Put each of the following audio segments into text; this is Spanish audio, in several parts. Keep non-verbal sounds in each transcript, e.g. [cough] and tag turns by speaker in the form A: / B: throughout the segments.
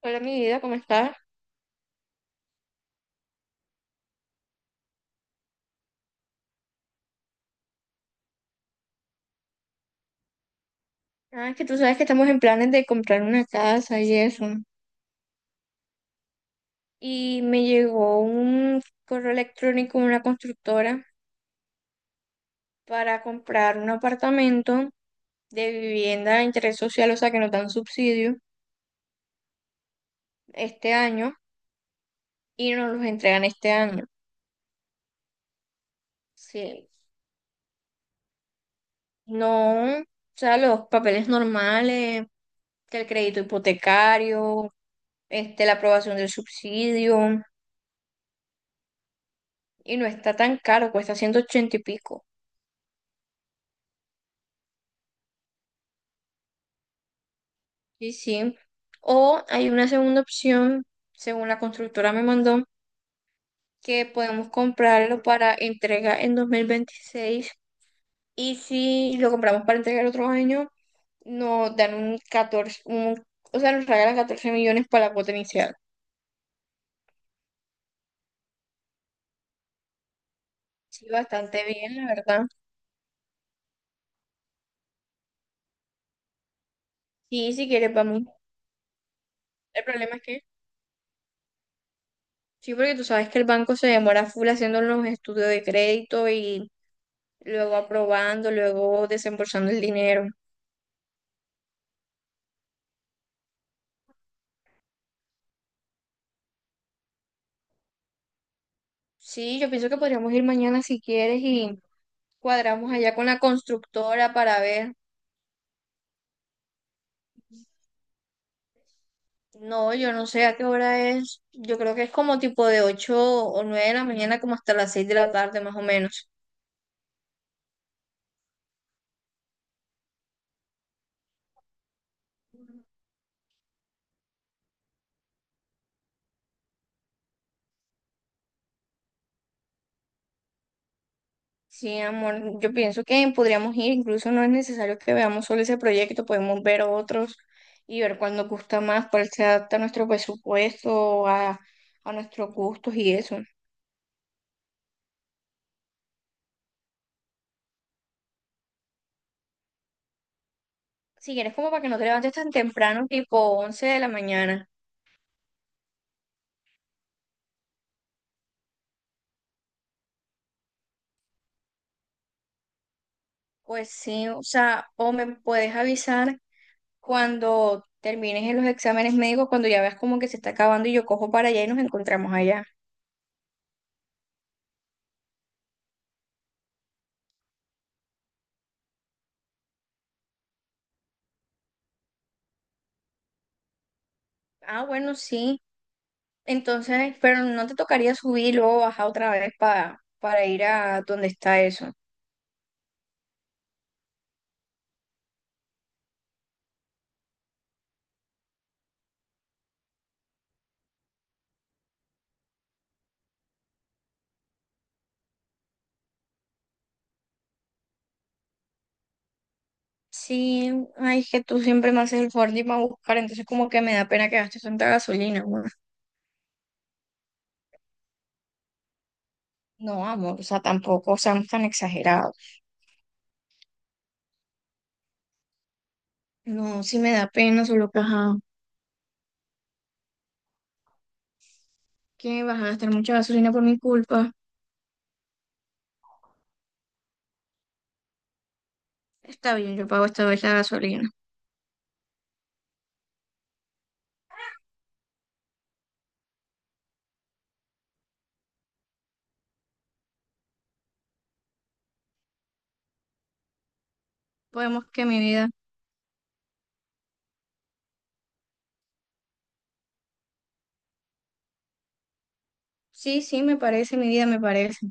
A: Hola, mi vida, ¿cómo estás? Ah, es que tú sabes que estamos en planes de comprar una casa y eso. Y me llegó un correo electrónico de una constructora para comprar un apartamento de vivienda de interés social, o sea, que nos dan subsidio este año y nos los entregan este año. Sí. No, o sea, los papeles normales, que el crédito hipotecario, este, la aprobación del subsidio, y no está tan caro, cuesta 180 y pico. Sí, sí. O hay una segunda opción, según la constructora me mandó, que podemos comprarlo para entrega en 2026. Y si lo compramos para entregar otro año, nos dan un 14 un- o sea, nos regalan 14 millones para la cuota inicial. Sí, bastante bien, la verdad. Sí, si quieres, vamos. El problema es que, sí, porque tú sabes que el banco se demora full haciendo los estudios de crédito y luego aprobando, luego desembolsando el dinero. Sí, yo pienso que podríamos ir mañana si quieres y cuadramos allá con la constructora para ver. No, yo no sé a qué hora es. Yo creo que es como tipo de 8 o 9 de la mañana, como hasta las 6 de la tarde más o menos. Sí, amor, yo pienso que podríamos ir. Incluso no es necesario que veamos solo ese proyecto, podemos ver otros y ver cuál nos gusta más, cuál se adapta a nuestro presupuesto, a, nuestros gustos y eso. Si quieres, como para que no te levantes tan temprano, tipo 11 de la mañana. Pues sí, o sea, o me puedes avisar cuando termines en los exámenes médicos, cuando ya veas como que se está acabando y yo cojo para allá y nos encontramos allá. Ah, bueno, sí. Entonces, pero no te tocaría subir y luego bajar otra vez para, ir a donde está eso. Sí, ay, es que tú siempre me haces el favor de irme a buscar, entonces como que me da pena que gastes tanta gasolina, amor. No, amor, o sea, tampoco seamos tan exagerados. No, sí me da pena, solo que, ajá, que vas a gastar mucha gasolina por mi culpa. Está bien, yo pago esta vez la gasolina. Podemos, que mi vida. Sí, sí, me parece, mi vida, me parece.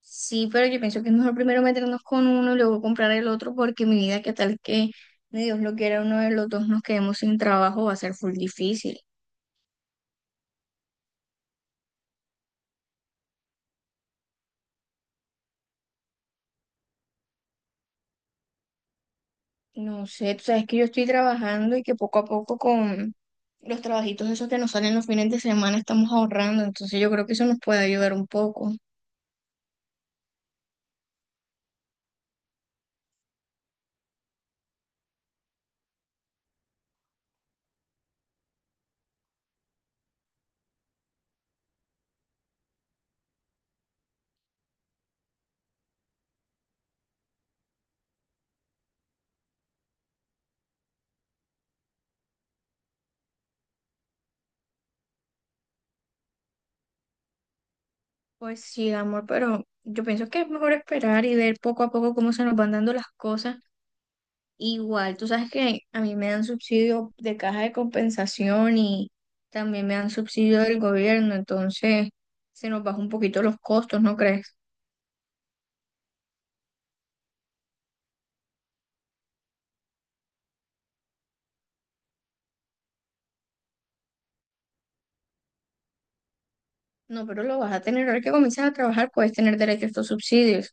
A: Sí, pero yo pienso que es mejor primero meternos con uno y luego comprar el otro porque mi vida, qué tal que, ni Dios lo quiera, uno de los dos nos quedemos sin trabajo, va a ser full difícil. No sé, tú sabes que yo estoy trabajando y que poco a poco con los trabajitos esos que nos salen los fines de semana estamos ahorrando, entonces yo creo que eso nos puede ayudar un poco. Pues sí, amor, pero yo pienso que es mejor esperar y ver poco a poco cómo se nos van dando las cosas. Igual, tú sabes que a mí me dan subsidio de caja de compensación y también me dan subsidio del gobierno, entonces se nos baja un poquito los costos, ¿no crees? No, pero lo vas a tener, ahora que comienzas a trabajar puedes tener derecho a estos subsidios.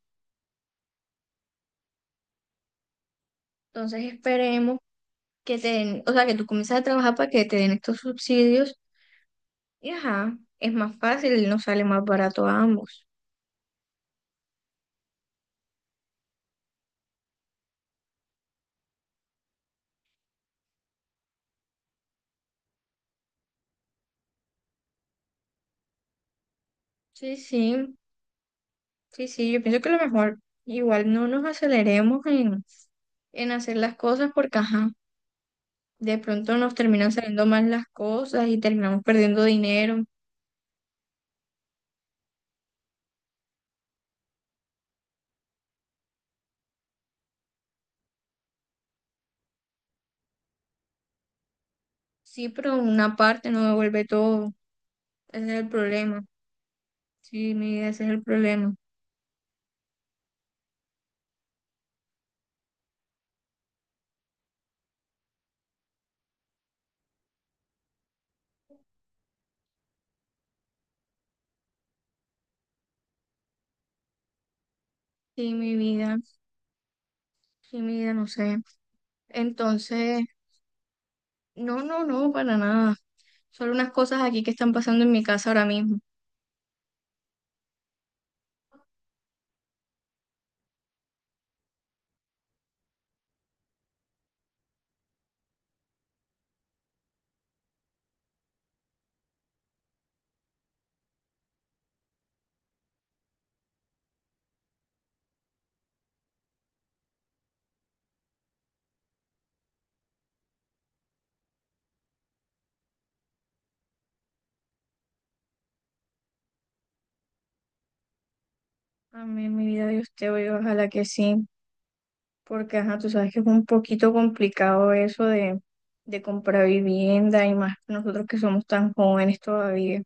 A: Entonces esperemos que te den, o sea, que tú comiences a trabajar para que te den estos subsidios y ajá, es más fácil, nos sale más barato a ambos. Sí, sí, sí, sí, yo pienso que lo mejor, igual no nos aceleremos en, hacer las cosas porque ajá. De pronto nos terminan saliendo mal las cosas y terminamos perdiendo dinero. Sí, pero una parte no devuelve todo. Ese es el problema. Sí, mi vida, ese es el problema. Sí, mi vida, sí, mi vida, no sé. Entonces, no, no, no, para nada. Solo unas cosas aquí que están pasando en mi casa ahora mismo. Amén, mi vida de usted, oye, ojalá que sí. Porque, ajá, tú sabes que es un poquito complicado eso de, comprar vivienda y más nosotros que somos tan jóvenes todavía.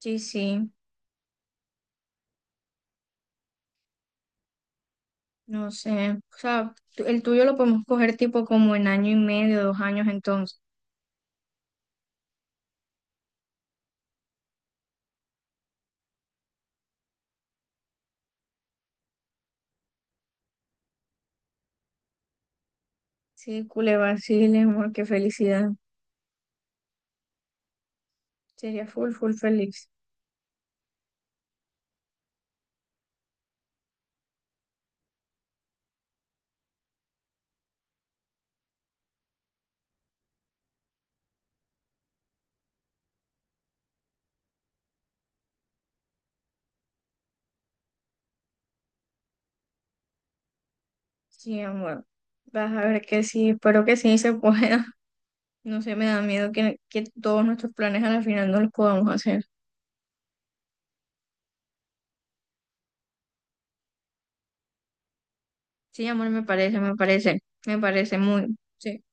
A: Sí, sí. No sé, o sea, el tuyo lo podemos coger tipo como en año y medio, 2 años entonces. Sí, cule vacile, amor, qué felicidad. Sería full, full feliz. Sí, amor. Vas a ver que sí, espero que sí se pueda. [laughs] No sé, me da miedo que, todos nuestros planes a la final no los podamos hacer. Sí, amor, me parece, me parece, me parece muy, sí.